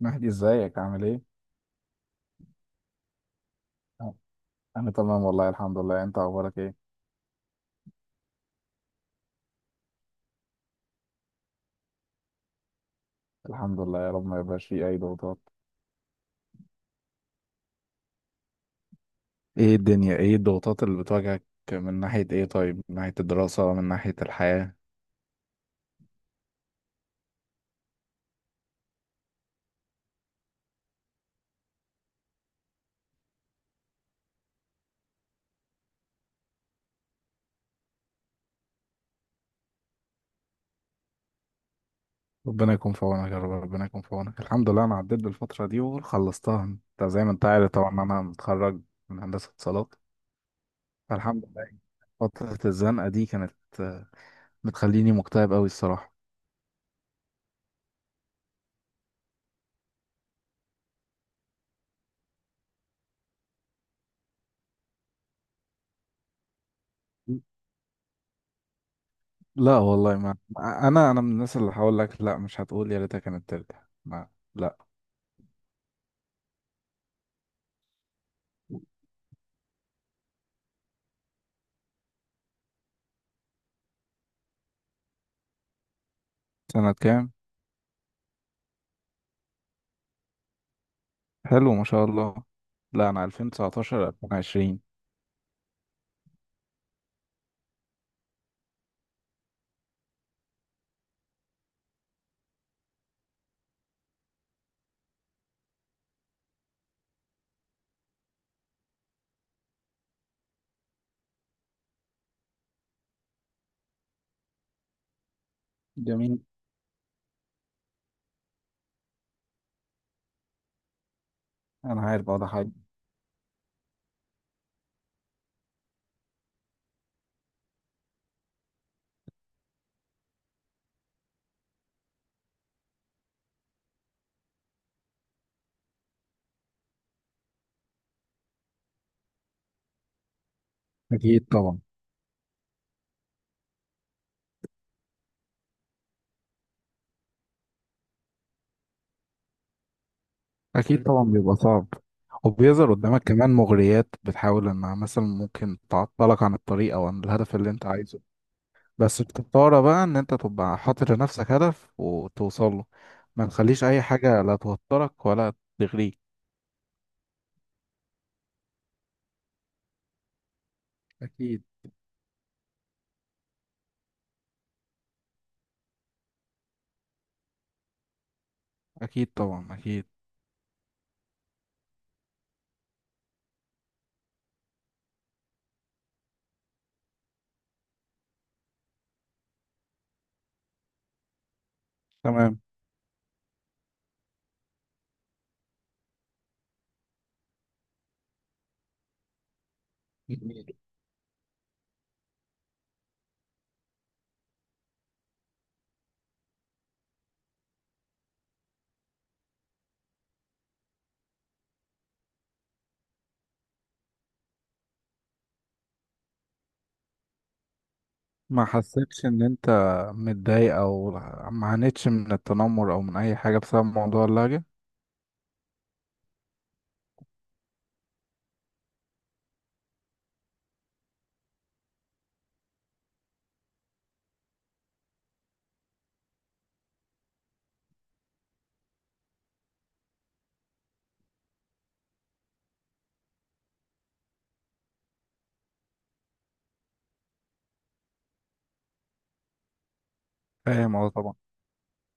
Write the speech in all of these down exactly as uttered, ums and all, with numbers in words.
مهدي، ازيك؟ عامل ايه؟ انا تمام والله الحمد لله. انت اخبارك ايه؟ الحمد لله. يا رب ما يبقاش فيه اي ضغوطات. ايه الدنيا؟ ايه الضغوطات اللي بتواجهك؟ من ناحية ايه طيب؟ من ناحية الدراسة، من ناحية الحياة. ربنا يكون في عونك يا رب، ربنا يكون في عونك. الحمد لله انا عديت بالفترة دي وخلصتها، انت زي ما انت عارف طبعا إن انا متخرج من هندسة اتصالات، فالحمد لله. فترة الزنقة دي كانت آه، بتخليني مكتئب قوي الصراحة. لا والله، ما انا انا من الناس اللي هقول لك، لا، مش هتقول يا ريتها كانت ترجع، ما لا. سنة كام؟ حلو ما شاء الله. لا أنا ألفين وتسعتاشر ألفين وعشرين. جميل. أنا عارف، اه، ده حاجة. أكيد طبعا. أكيد طبعا بيبقى صعب، وبيظهر قدامك كمان مغريات بتحاول إنها مثلا ممكن تعطلك عن الطريق أو عن الهدف اللي أنت عايزه. بس بتضطر بقى إن أنت تبقى حاطط لنفسك هدف وتوصل له. ما تخليش أي حاجة لا توترك ولا تغريك. أكيد، أكيد طبعا، أكيد، تمام. ما حسيتش ان انت متضايق، او ما عانيتش من التنمر او من اي حاجه بسبب موضوع اللهجه؟ فاهم، اه طبعا.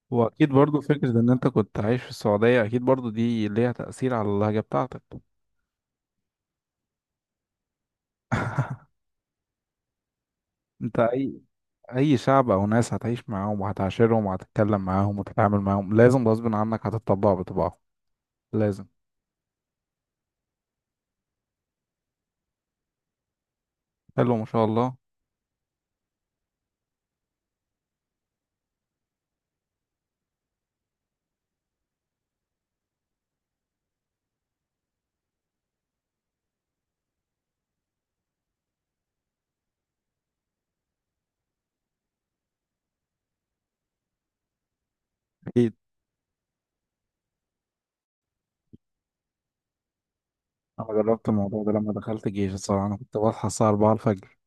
واكيد برضو فكره ان انت كنت عايش في السعوديه، اكيد برضو دي ليها تاثير على اللهجه بتاعتك. انت اي اي شعب او ناس هتعيش معاهم وهتعاشرهم وهتتكلم معاهم وتتعامل معاهم، لازم غصب عنك هتطبع بطباعهم. لازم. حلو ما شاء الله. اكيد. انا جربت الموضوع ده لما دخلت الجيش. الصراحه انا كنت بصحى الساعه أربعة الفجر.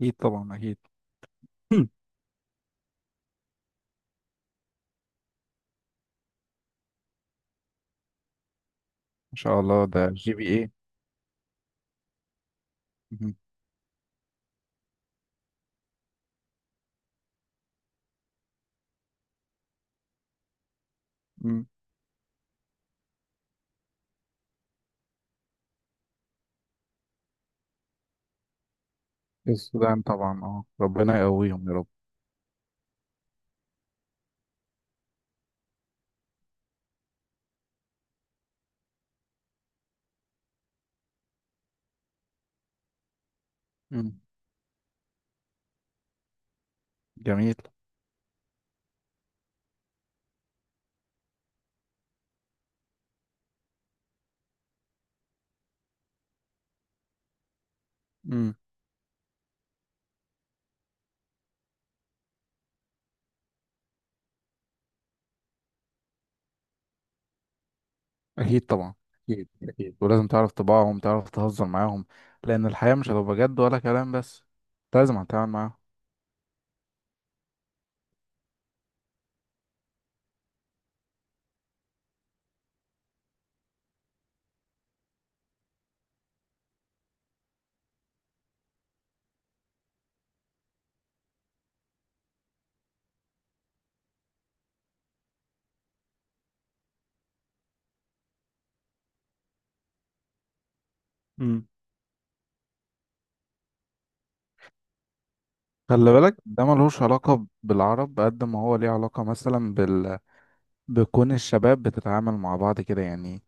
اكيد طبعا، اكيد. ما شاء الله، ده جي بي ايه. السودان طبعا، اه، ربنا يقويهم يا رب. مم. جميل. مم. اكيد طبعا، اكيد، اكيد. ولازم تعرف طباعهم، تعرف تهزر معاهم، لان الحياة مش هتبقى جد ولا كلام بس. أنت لازم هتتعامل معاهم. مم. خلي بالك، ده ملهوش علاقة بالعرب قد ما هو ليه علاقة مثلا بال... بكون الشباب بتتعامل مع بعض كده يعني.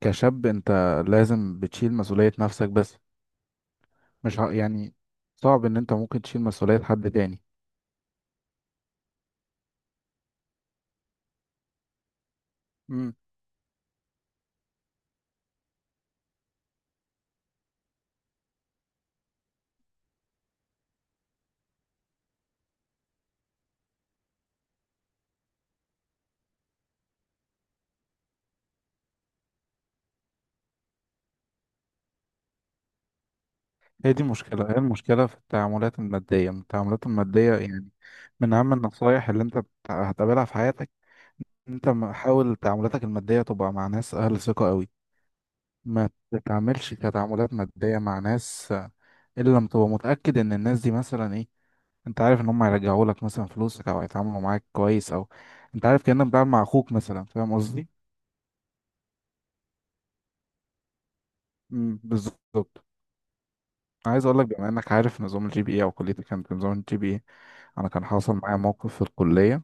كشاب، انت لازم بتشيل مسؤولية نفسك بس. مش ع- يعني صعب ان انت ممكن تشيل مسؤولية حد تاني. هي دي المشكلة، هي المشكلة في التعاملات المادية. التعاملات المادية يعني من أهم النصايح اللي أنت بت- هتقابلها في حياتك. أنت م- حاول تعاملاتك المادية تبقى مع ناس أهل ثقة قوي. ما تتعاملش كتعاملات مادية مع ناس آه، إلا لما تبقى متأكد إن الناس دي مثلا إيه. أنت عارف إن هم هيرجعوا لك مثلا فلوسك، أو هيتعاملوا معاك كويس، أو أنت عارف كأنك بتتعامل مع أخوك مثلا. فاهم قصدي؟ مم، بالظبط. عايز أقول لك، بما إنك عارف نظام الجي بي إيه، أو كليتك كانت بنظام الجي بي إيه، أنا كان حاصل معايا موقف في الكلية.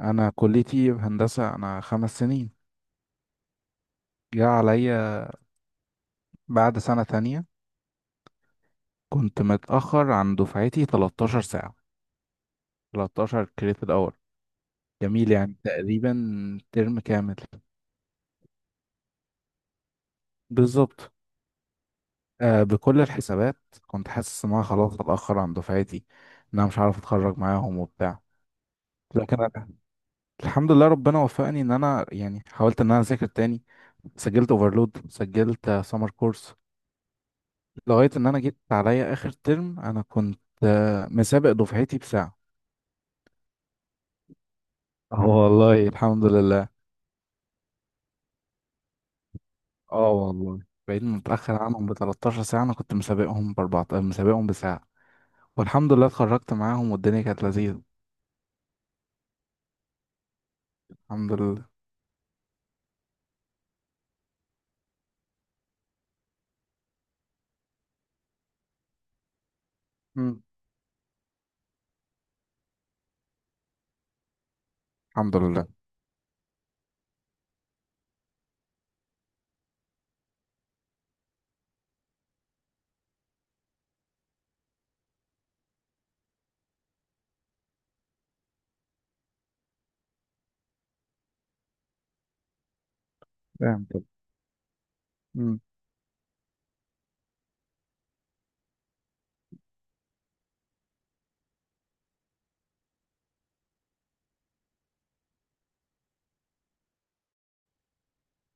انا كليتي هندسة، انا خمس سنين. جه عليا بعد سنة تانية، كنت متأخر عن دفعتي 13 ساعة، تلتاشر كريدت اور. جميل يعني، تقريبا ترم كامل. بالظبط. آه بكل الحسابات كنت حاسس ان انا خلاص اتأخر عن دفعتي، ان انا مش عارف اتخرج معاهم وبتاع. لكن أنا الحمد لله ربنا وفقني ان انا يعني حاولت ان انا اذاكر تاني، سجلت اوفرلود، سجلت سمر كورس، لغاية إن أنا جيت عليا آخر ترم أنا كنت آه، مسابق دفعتي بساعة. اه والله الحمد لله. اه والله، بعيد متأخر عنهم ب 13 ساعة، أنا كنت مسابقهم ب أربعة عشر، مسابقهم بساعة. والحمد لله اتخرجت معاهم والدنيا كانت لذيذة. الحمد لله. مم. الحمد لله. فاهم، طب. مم.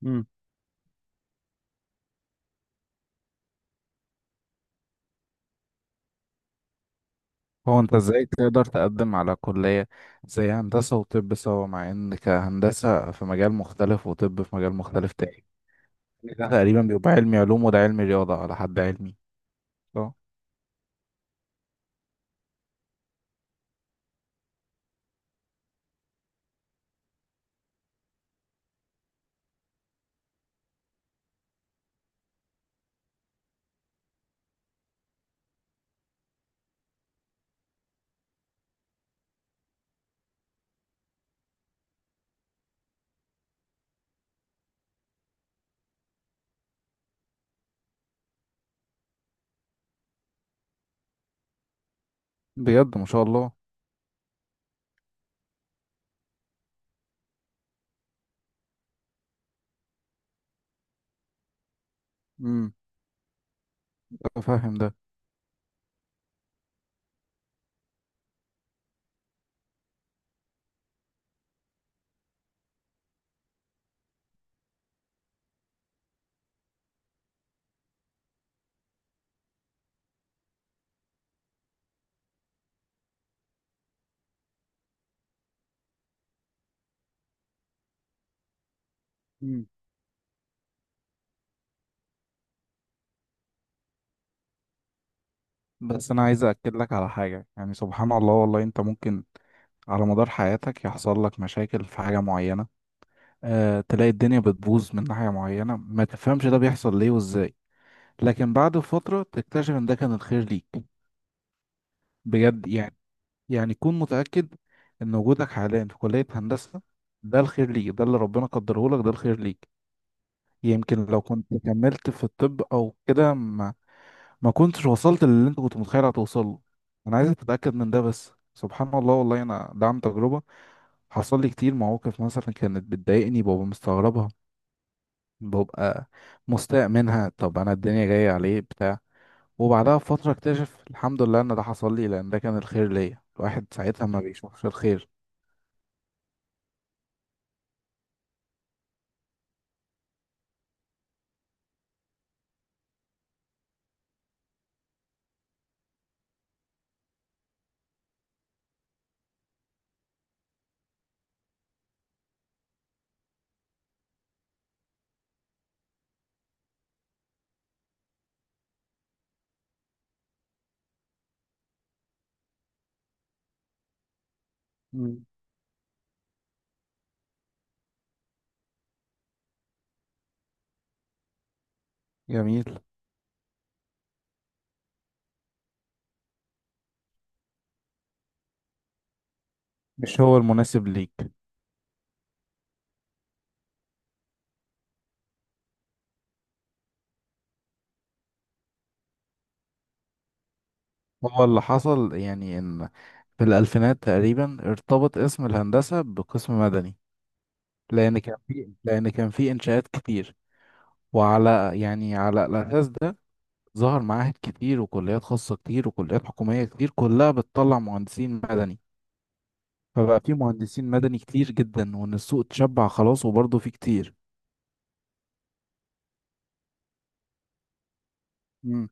مم. هو أنت إزاي تقدر تقدم على كلية زي هندسة وطب سوا، مع إن كهندسة في مجال مختلف وطب في مجال مختلف تاني؟ ده تقريبا بيبقى علمي علوم وده علمي رياضة على حد علمي، صح؟ بجد ما شاء الله. امم فاهم ده. مم. بس انا عايز اكد لك على حاجه، يعني سبحان الله والله، انت ممكن على مدار حياتك يحصل لك مشاكل في حاجه معينه، آه تلاقي الدنيا بتبوظ من ناحيه معينه، ما تفهمش ده بيحصل ليه وازاي، لكن بعد فتره تكتشف ان ده كان الخير ليك. بجد يعني. يعني كون متاكد ان وجودك حاليا في كليه هندسه، ده الخير ليك، ده اللي ربنا قدره لك، ده الخير ليك. يمكن لو كنت كملت في الطب او كده ما كنتش وصلت للي انت كنت متخيل هتوصل له. انا عايزك تتاكد من ده بس. سبحان الله والله، انا ده عن تجربه. حصل لي كتير مواقف مثلا كانت بتضايقني، ببقى مستغربها، ببقى مستاء منها، طب انا الدنيا جايه عليه بتاع وبعدها بفتره اكتشف الحمد لله ان ده حصل لي لان ده كان الخير ليا. الواحد ساعتها ما بيشوفش الخير. مم. جميل. مش هو المناسب ليك. هو اللي حصل يعني ان في الالفينات تقريبا ارتبط اسم الهندسه بقسم مدني، لان كان في لان كان في انشاءات كتير، وعلى يعني على الاساس ده ظهر معاهد كتير وكليات خاصه كتير وكليات حكوميه كتير، كلها بتطلع مهندسين مدني. فبقى في مهندسين مدني كتير جدا، وان السوق اتشبع خلاص، وبرضه في كتير. مم.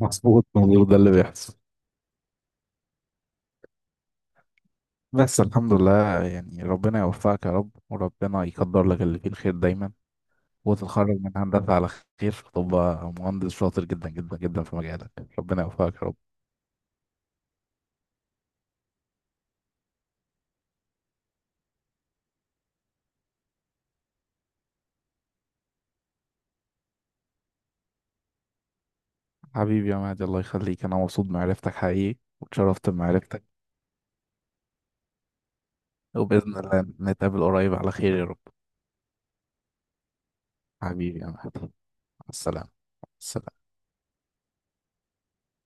مظبوط، مظبوط، ده اللي بيحصل. بس الحمد لله، يعني ربنا يوفقك يا رب، وربنا يقدر لك اللي فيه الخير دايما، وتتخرج من هندسة على خير، فتبقى مهندس شاطر جدا جدا جدا في مجالك. ربنا يوفقك يا رب. حبيبي يا مهدي، الله يخليك، أنا مبسوط بمعرفتك حقيقي، واتشرفت بمعرفتك. وبإذن الله نتقابل قريب على خير يا رب. حبيبي يا مهدي، مع السلامة، السلامة،